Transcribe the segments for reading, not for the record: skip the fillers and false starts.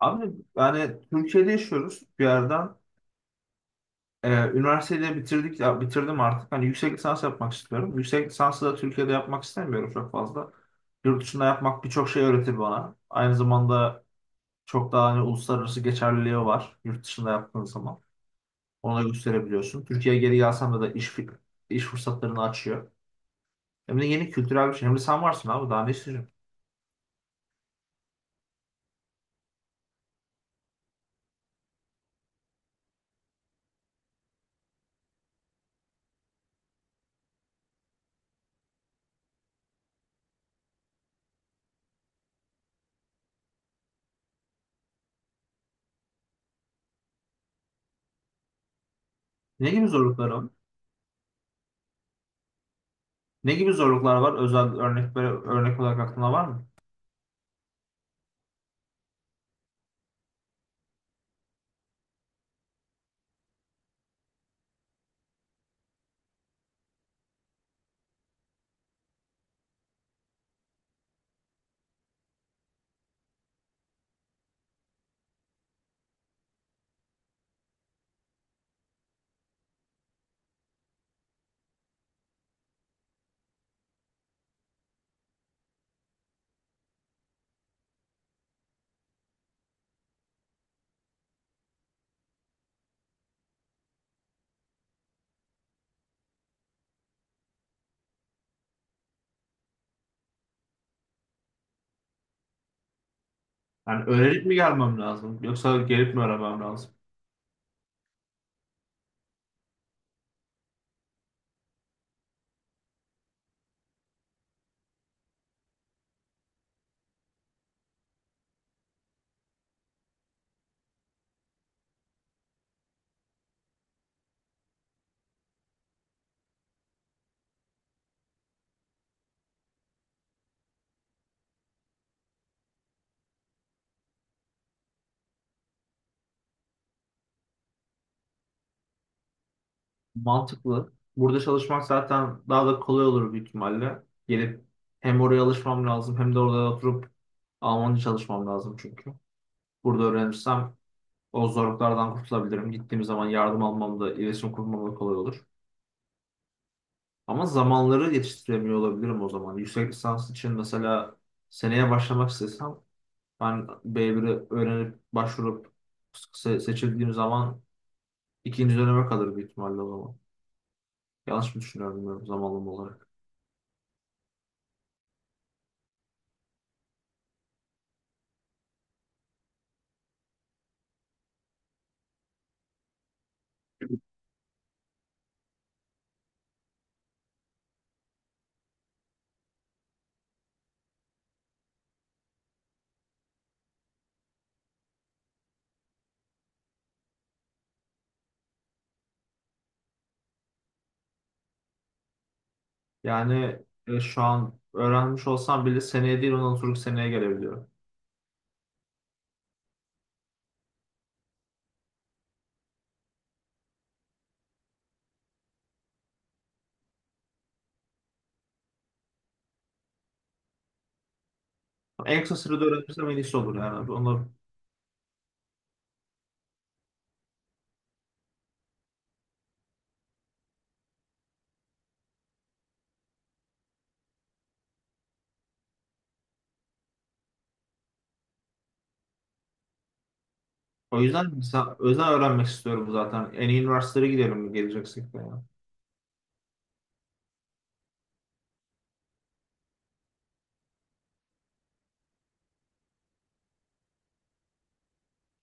Abi, yani Türkiye'de yaşıyoruz bir yerden. Üniversiteyi de bitirdik ya, bitirdim artık. Hani yüksek lisans yapmak istiyorum. Yüksek lisansı da Türkiye'de yapmak istemiyorum çok fazla. Yurt dışında yapmak birçok şey öğretir bana. Aynı zamanda çok daha hani uluslararası geçerliliği var yurt dışında yaptığın zaman. Onu da gösterebiliyorsun. Türkiye'ye geri gelsem de iş fırsatlarını açıyor. Hem de yeni kültürel bir şey. Hem de sen varsın abi, daha ne istiyorsun? Ne gibi zorluklar var? Ne gibi zorluklar var? Özel örnek, böyle örnek olarak aklına var mı? Yani öğrenip mi gelmem lazım, yoksa gelip mi öğrenmem lazım? Mantıklı. Burada çalışmak zaten daha da kolay olur büyük ihtimalle. Gelip hem oraya alışmam lazım, hem de orada oturup Almanca çalışmam lazım çünkü. Burada öğrenirsem o zorluklardan kurtulabilirim. Gittiğim zaman yardım almam da iletişim kurmam da kolay olur. Ama zamanları yetiştiremiyor olabilirim o zaman. Yüksek lisans için mesela seneye başlamak istesem ben B1'i öğrenip başvurup seçildiğim zaman İkinci döneme kalır büyük ihtimalle o zaman. Yanlış mı düşünüyorum bilmiyorum, zamanlama olarak. Yani şu an öğrenmiş olsam bile seneye değil, ondan sonraki seneye gelebiliyorum. En kısa sürede öğrenirsem en iyisi olur yani. Onu, o yüzden mesela özel öğrenmek istiyorum zaten. En iyi üniversitelere gidelim geleceksek de yani.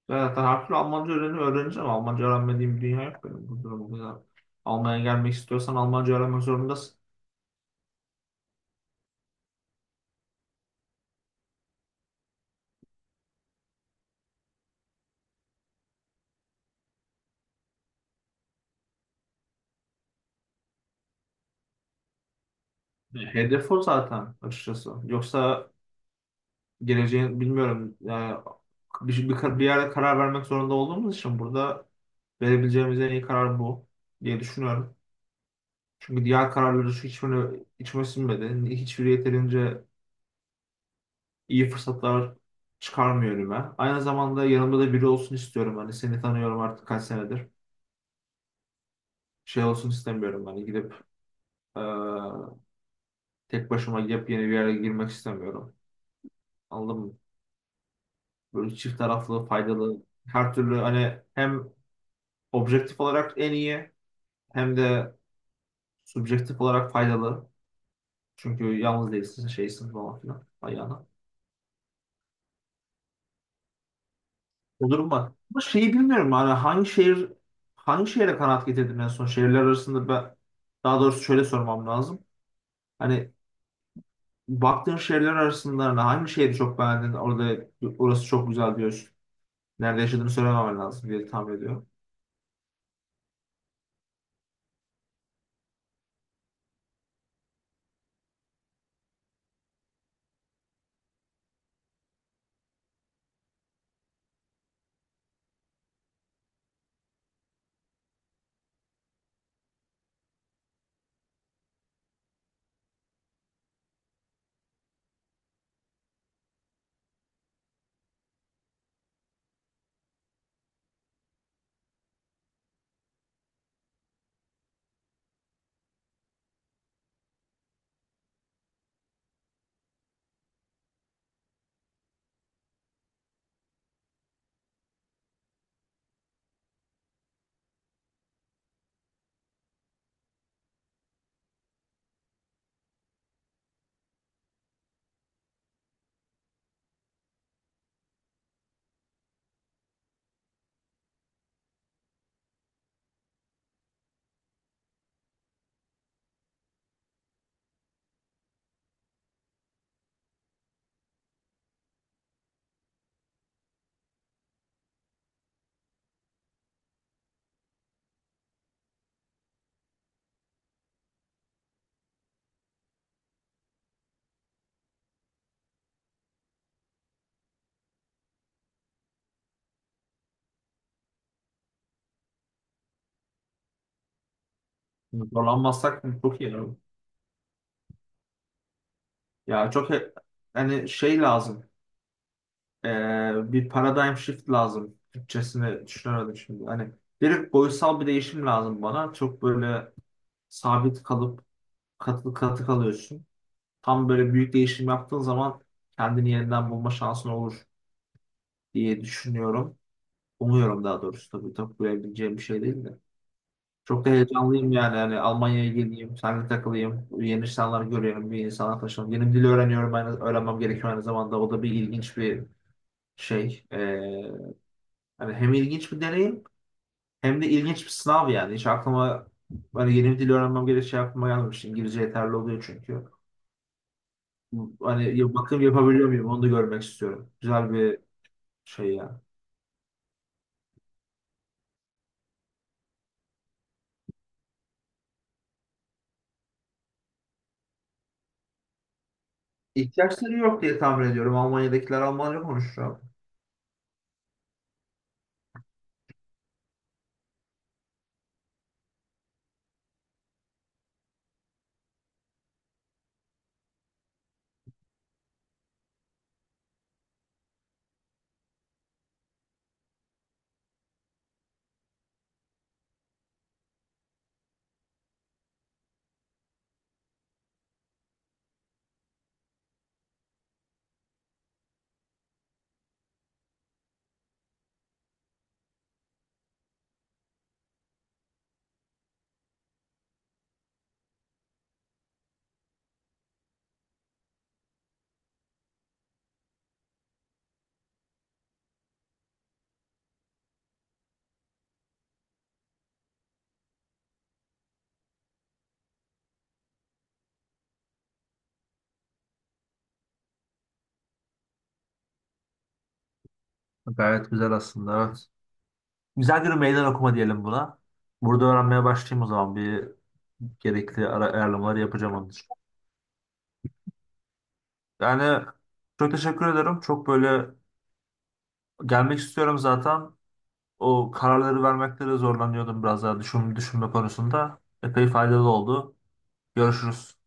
Zaten her türlü Almanca öğreneceğim. Almanca öğrenmediğim bir dünya yok benim bu durumda. Yani Almanya'ya gelmek istiyorsan Almanca öğrenmek zorundasın. Hedef o zaten, açıkçası. Yoksa geleceğin bilmiyorum yani, bir yerde karar vermek zorunda olduğumuz için burada verebileceğimiz en iyi karar bu diye düşünüyorum. Çünkü diğer kararları şu hiçbirini içime sinmedi. Hiçbiri yeterince iyi fırsatlar çıkarmıyor önüme. Aynı zamanda yanımda da biri olsun istiyorum. Hani seni tanıyorum artık kaç senedir. Şey olsun istemiyorum. Hani gidip eee, tek başıma yepyeni bir yere girmek istemiyorum. Anladın mı? Böyle çift taraflı, faydalı, her türlü, hani hem objektif olarak en iyi, hem de subjektif olarak faydalı. Çünkü yalnız değilsin, şeysin falan filan ayağına. O durum var. Ama şeyi bilmiyorum, hani hangi şehir, hangi şehre kanaat getirdim en son şehirler arasında ben, daha doğrusu şöyle sormam lazım. Hani baktığın şehirler arasında hani hangi şehri çok beğendin, orada orası çok güzel diyorsun. Nerede yaşadığını söylemem lazım diye tahmin ediyorum. Zorlanmazsak çok iyi olur. Ya çok hani şey lazım. Bir paradigm shift lazım. Türkçesini düşünemedim şimdi. Hani bir boyutsal bir değişim lazım bana. Çok böyle sabit kalıp katı katı kalıyorsun. Tam böyle büyük değişim yaptığın zaman kendini yeniden bulma şansın olur diye düşünüyorum. Umuyorum daha doğrusu, tabii tabii bilebileceğim bir şey değil de. Çok da heyecanlıyım yani. Yani Almanya'ya geleyim, seninle takılayım, yeni insanlar görüyorum, bir insanlar tanışıyorum. Yeni bir dili öğreniyorum, aynı öğrenmem gerekiyor aynı zamanda. O da bir ilginç bir şey. Hani hem ilginç bir deneyim, hem de ilginç bir sınav yani. Hiç aklıma, hani yeni bir dil öğrenmem gereği şey aklıma gelmemiş. İngilizce yeterli oluyor çünkü. Hani ya bakayım yapabiliyor muyum, onu da görmek istiyorum. Güzel bir şey ya. İhtiyaçları yok diye tahmin ediyorum. Almanya'dakiler Almanca konuşuyor. Gayet güzel aslında, evet. Güzel bir meydan okuma diyelim buna. Burada öğrenmeye başlayayım o zaman, bir gerekli ara ayarlamaları yapacağım onun için. Yani çok teşekkür ederim. Çok böyle gelmek istiyorum zaten. O kararları vermekte de zorlanıyordum, biraz daha düşünme konusunda. Epey faydalı oldu. Görüşürüz.